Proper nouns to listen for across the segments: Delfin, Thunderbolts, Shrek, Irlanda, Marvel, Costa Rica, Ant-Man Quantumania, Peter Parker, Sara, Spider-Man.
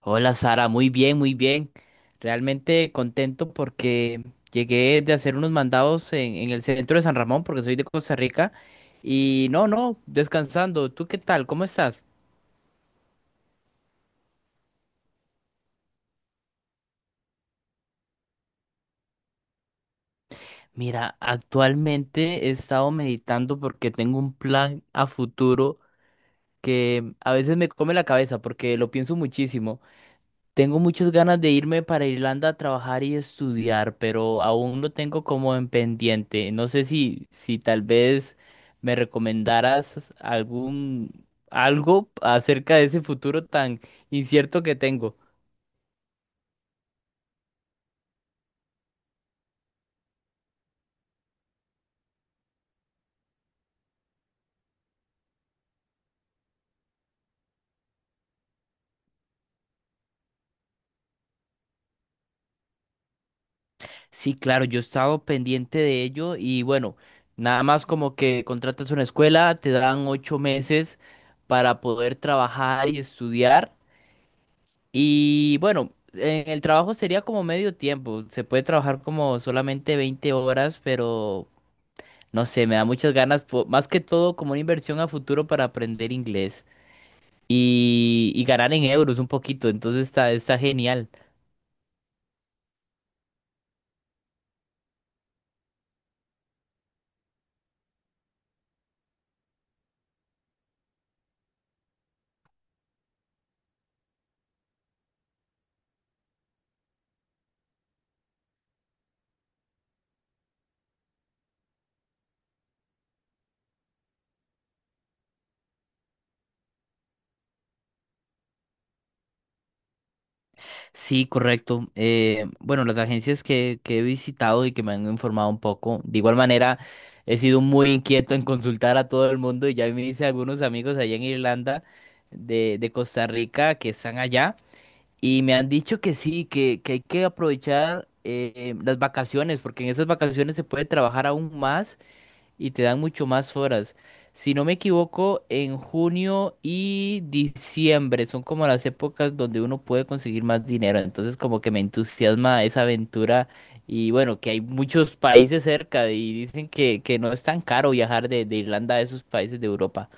Hola Sara, muy bien, muy bien. Realmente contento porque llegué de hacer unos mandados en el centro de San Ramón, porque soy de Costa Rica. Y no, no, descansando. ¿Tú qué tal? ¿Cómo estás? Mira, actualmente he estado meditando porque tengo un plan a futuro que a veces me come la cabeza porque lo pienso muchísimo. Tengo muchas ganas de irme para Irlanda a trabajar y estudiar, pero aún lo tengo como en pendiente. No sé si tal vez me recomendaras algún algo acerca de ese futuro tan incierto que tengo. Sí, claro, yo he estado pendiente de ello y bueno, nada más como que contratas una escuela, te dan 8 meses para poder trabajar y estudiar. Y bueno, en el trabajo sería como medio tiempo. Se puede trabajar como solamente 20 horas, pero no sé, me da muchas ganas, más que todo como una inversión a futuro para aprender inglés y ganar en euros un poquito. Entonces está genial. Sí, correcto. Bueno, las agencias que he visitado y que me han informado un poco, de igual manera, he sido muy inquieto en consultar a todo el mundo y ya me hice algunos amigos allá en Irlanda de Costa Rica que están allá. Y me han dicho que sí, que hay que aprovechar las vacaciones, porque en esas vacaciones se puede trabajar aún más y te dan mucho más horas. Si no me equivoco, en junio y diciembre son como las épocas donde uno puede conseguir más dinero. Entonces como que me entusiasma esa aventura y bueno, que hay muchos países cerca y dicen que no es tan caro viajar de Irlanda a esos países de Europa.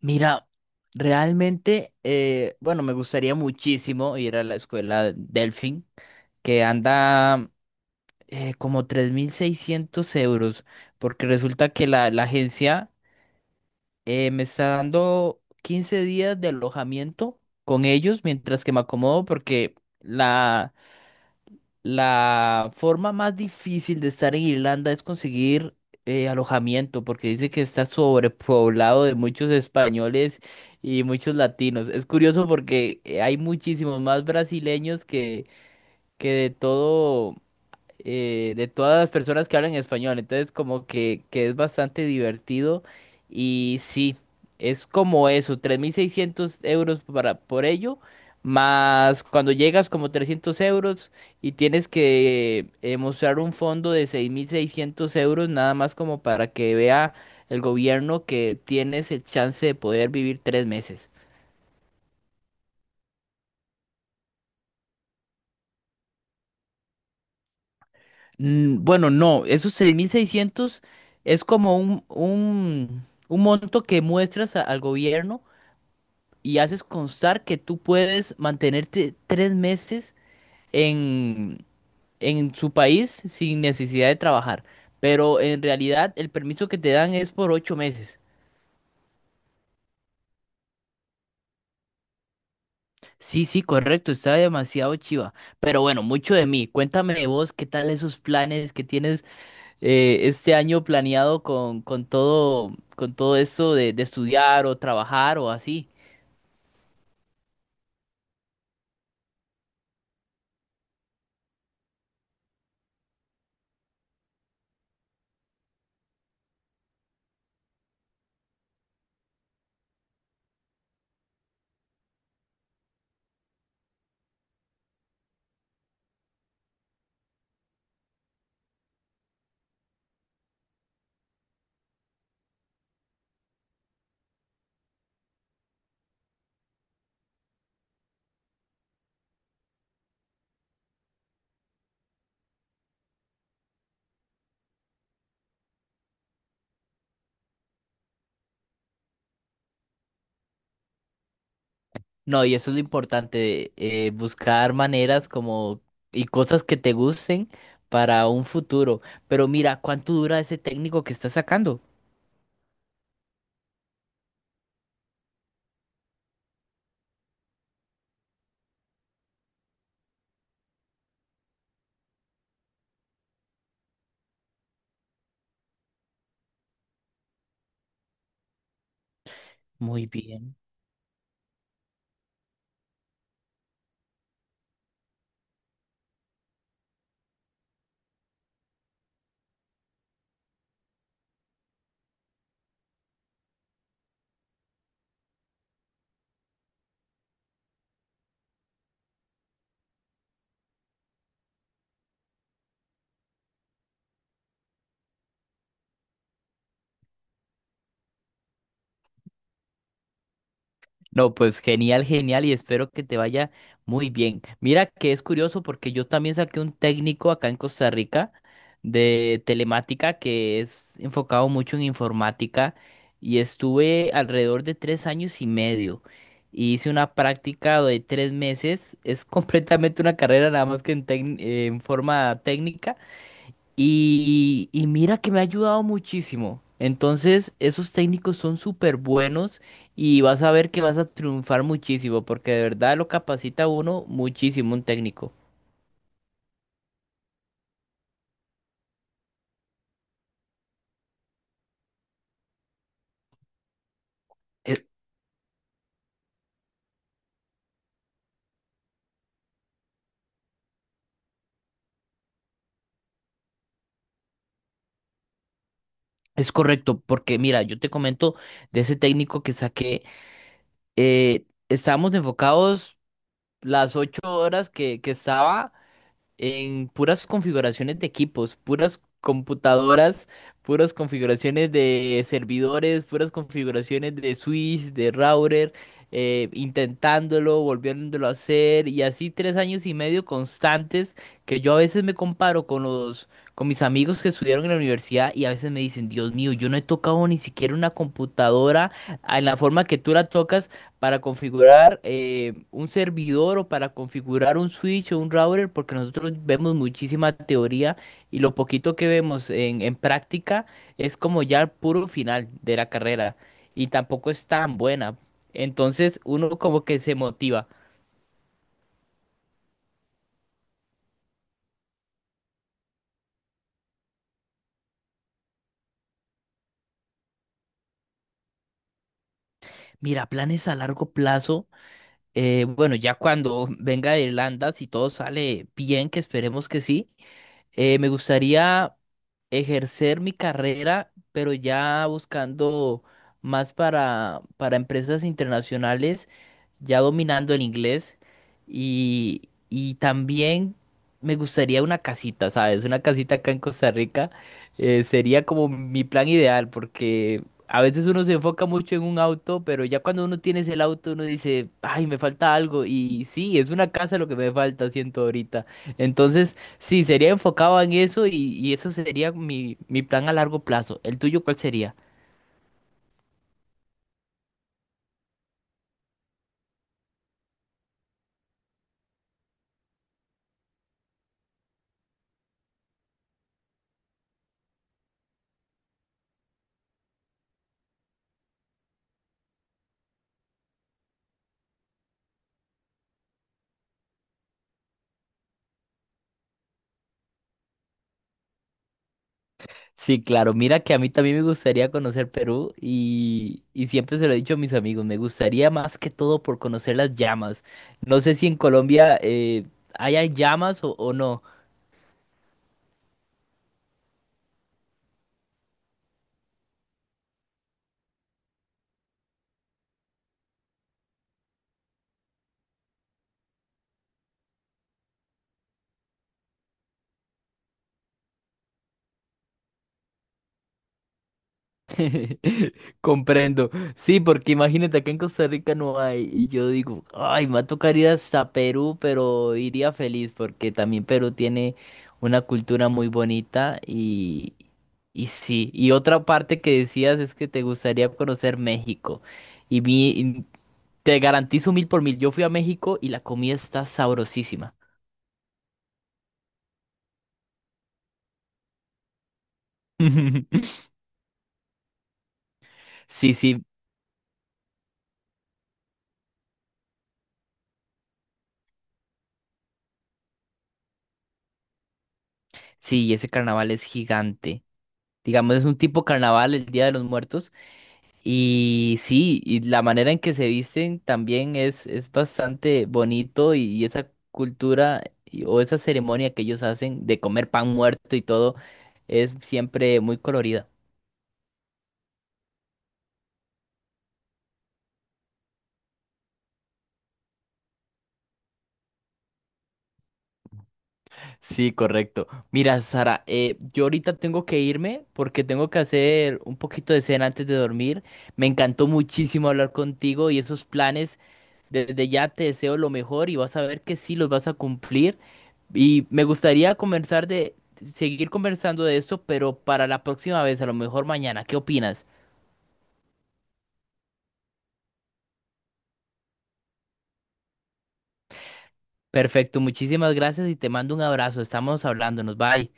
Mira, realmente, bueno, me gustaría muchísimo ir a la escuela Delfin, que anda como 3.600 euros, porque resulta que la agencia me está dando 15 días de alojamiento con ellos mientras que me acomodo, porque la, la forma más difícil de estar en Irlanda es conseguir alojamiento, porque dice que está sobrepoblado de muchos españoles y muchos latinos. Es curioso porque hay muchísimos más brasileños que de todo de todas las personas que hablan español. Entonces, como que es bastante divertido. Y sí, es como eso, 3.600 euros por ello. Más cuando llegas como 300 euros y tienes que mostrar un fondo de 6.600 euros, nada más como para que vea el gobierno que tienes el chance de poder vivir 3 meses. Bueno, no, esos 6.600 es como un monto que muestras al gobierno y haces constar que tú puedes mantenerte 3 meses en, en su país sin necesidad de trabajar. Pero en realidad el permiso que te dan es por 8 meses. Sí, sí, correcto, está demasiado chiva. Pero bueno, mucho de mí. Cuéntame vos, ¿qué tal esos planes que tienes este año planeado con todo, con todo esto de estudiar o trabajar o así. No, y eso es lo importante, buscar maneras como y cosas que te gusten para un futuro. Pero mira, ¿cuánto dura ese técnico que estás sacando? Muy bien. No, pues genial, genial y espero que te vaya muy bien. Mira que es curioso porque yo también saqué un técnico acá en Costa Rica de telemática que es enfocado mucho en informática y estuve alrededor de 3 años y medio. Y hice una práctica de 3 meses, es completamente una carrera nada más que en forma técnica y mira que me ha ayudado muchísimo. Entonces, esos técnicos son súper buenos y vas a ver que vas a triunfar muchísimo, porque de verdad lo capacita a uno muchísimo un técnico. Es, es correcto, porque mira, yo te comento de ese técnico que saqué, estábamos enfocados las 8 horas que estaba. En puras configuraciones de equipos, puras computadoras, puras configuraciones de servidores, puras configuraciones de switch, de router, intentándolo, volviéndolo a hacer, y así 3 años y medio constantes que yo a veces me comparo con con mis amigos que estudiaron en la universidad y a veces me dicen, Dios mío, yo no he tocado ni siquiera una computadora en la forma que tú la tocas para configurar un servidor o para configurar un switch o un router, porque nosotros vemos muchísima teoría y lo poquito que vemos en práctica es como ya el puro final de la carrera y tampoco es tan buena. Entonces uno como que se motiva. Mira, planes a largo plazo. Bueno, ya cuando venga de Irlanda, si todo sale bien, que esperemos que sí, me gustaría ejercer mi carrera, pero ya buscando más para empresas internacionales, ya dominando el inglés. Y también me gustaría una casita, ¿sabes? Una casita acá en Costa Rica sería como mi plan ideal, porque a veces uno se enfoca mucho en un auto, pero ya cuando uno tiene el auto, uno dice, ay, me falta algo. Y sí, es una casa lo que me falta, siento ahorita. Entonces... Sí, sería enfocado en eso y eso sería mi plan a largo plazo. ¿El tuyo cuál sería? Sí, claro, mira que a mí también me gustaría conocer Perú y siempre se lo he dicho a mis amigos, me gustaría más que todo por conocer las llamas. No sé si en Colombia haya llamas o no. Comprendo. Sí, porque imagínate, acá en Costa Rica no hay. Y yo digo, ay, me va a tocar ir hasta Perú, pero iría feliz porque también Perú tiene una cultura muy bonita y sí. Y otra parte que decías es que te gustaría conocer México. Y te garantizo mil por mil, yo fui a México y la comida está sabrosísima. Sí, sí, sí, y ese carnaval es gigante. Digamos, es un tipo carnaval el Día de los Muertos. Y sí, y la manera en que se visten también es bastante bonito y esa cultura o esa ceremonia que ellos hacen de comer pan muerto y todo es siempre muy colorida. Sí, correcto. Mira, Sara, yo ahorita tengo que irme porque tengo que hacer un poquito de cena antes de dormir. Me encantó muchísimo hablar contigo y esos planes. Desde ya te deseo lo mejor y vas a ver que sí los vas a cumplir. Y me gustaría conversar de seguir conversando de esto, pero para la próxima vez, a lo mejor mañana. ¿Qué opinas? Perfecto, muchísimas gracias y te mando un abrazo. Estamos hablándonos. Bye.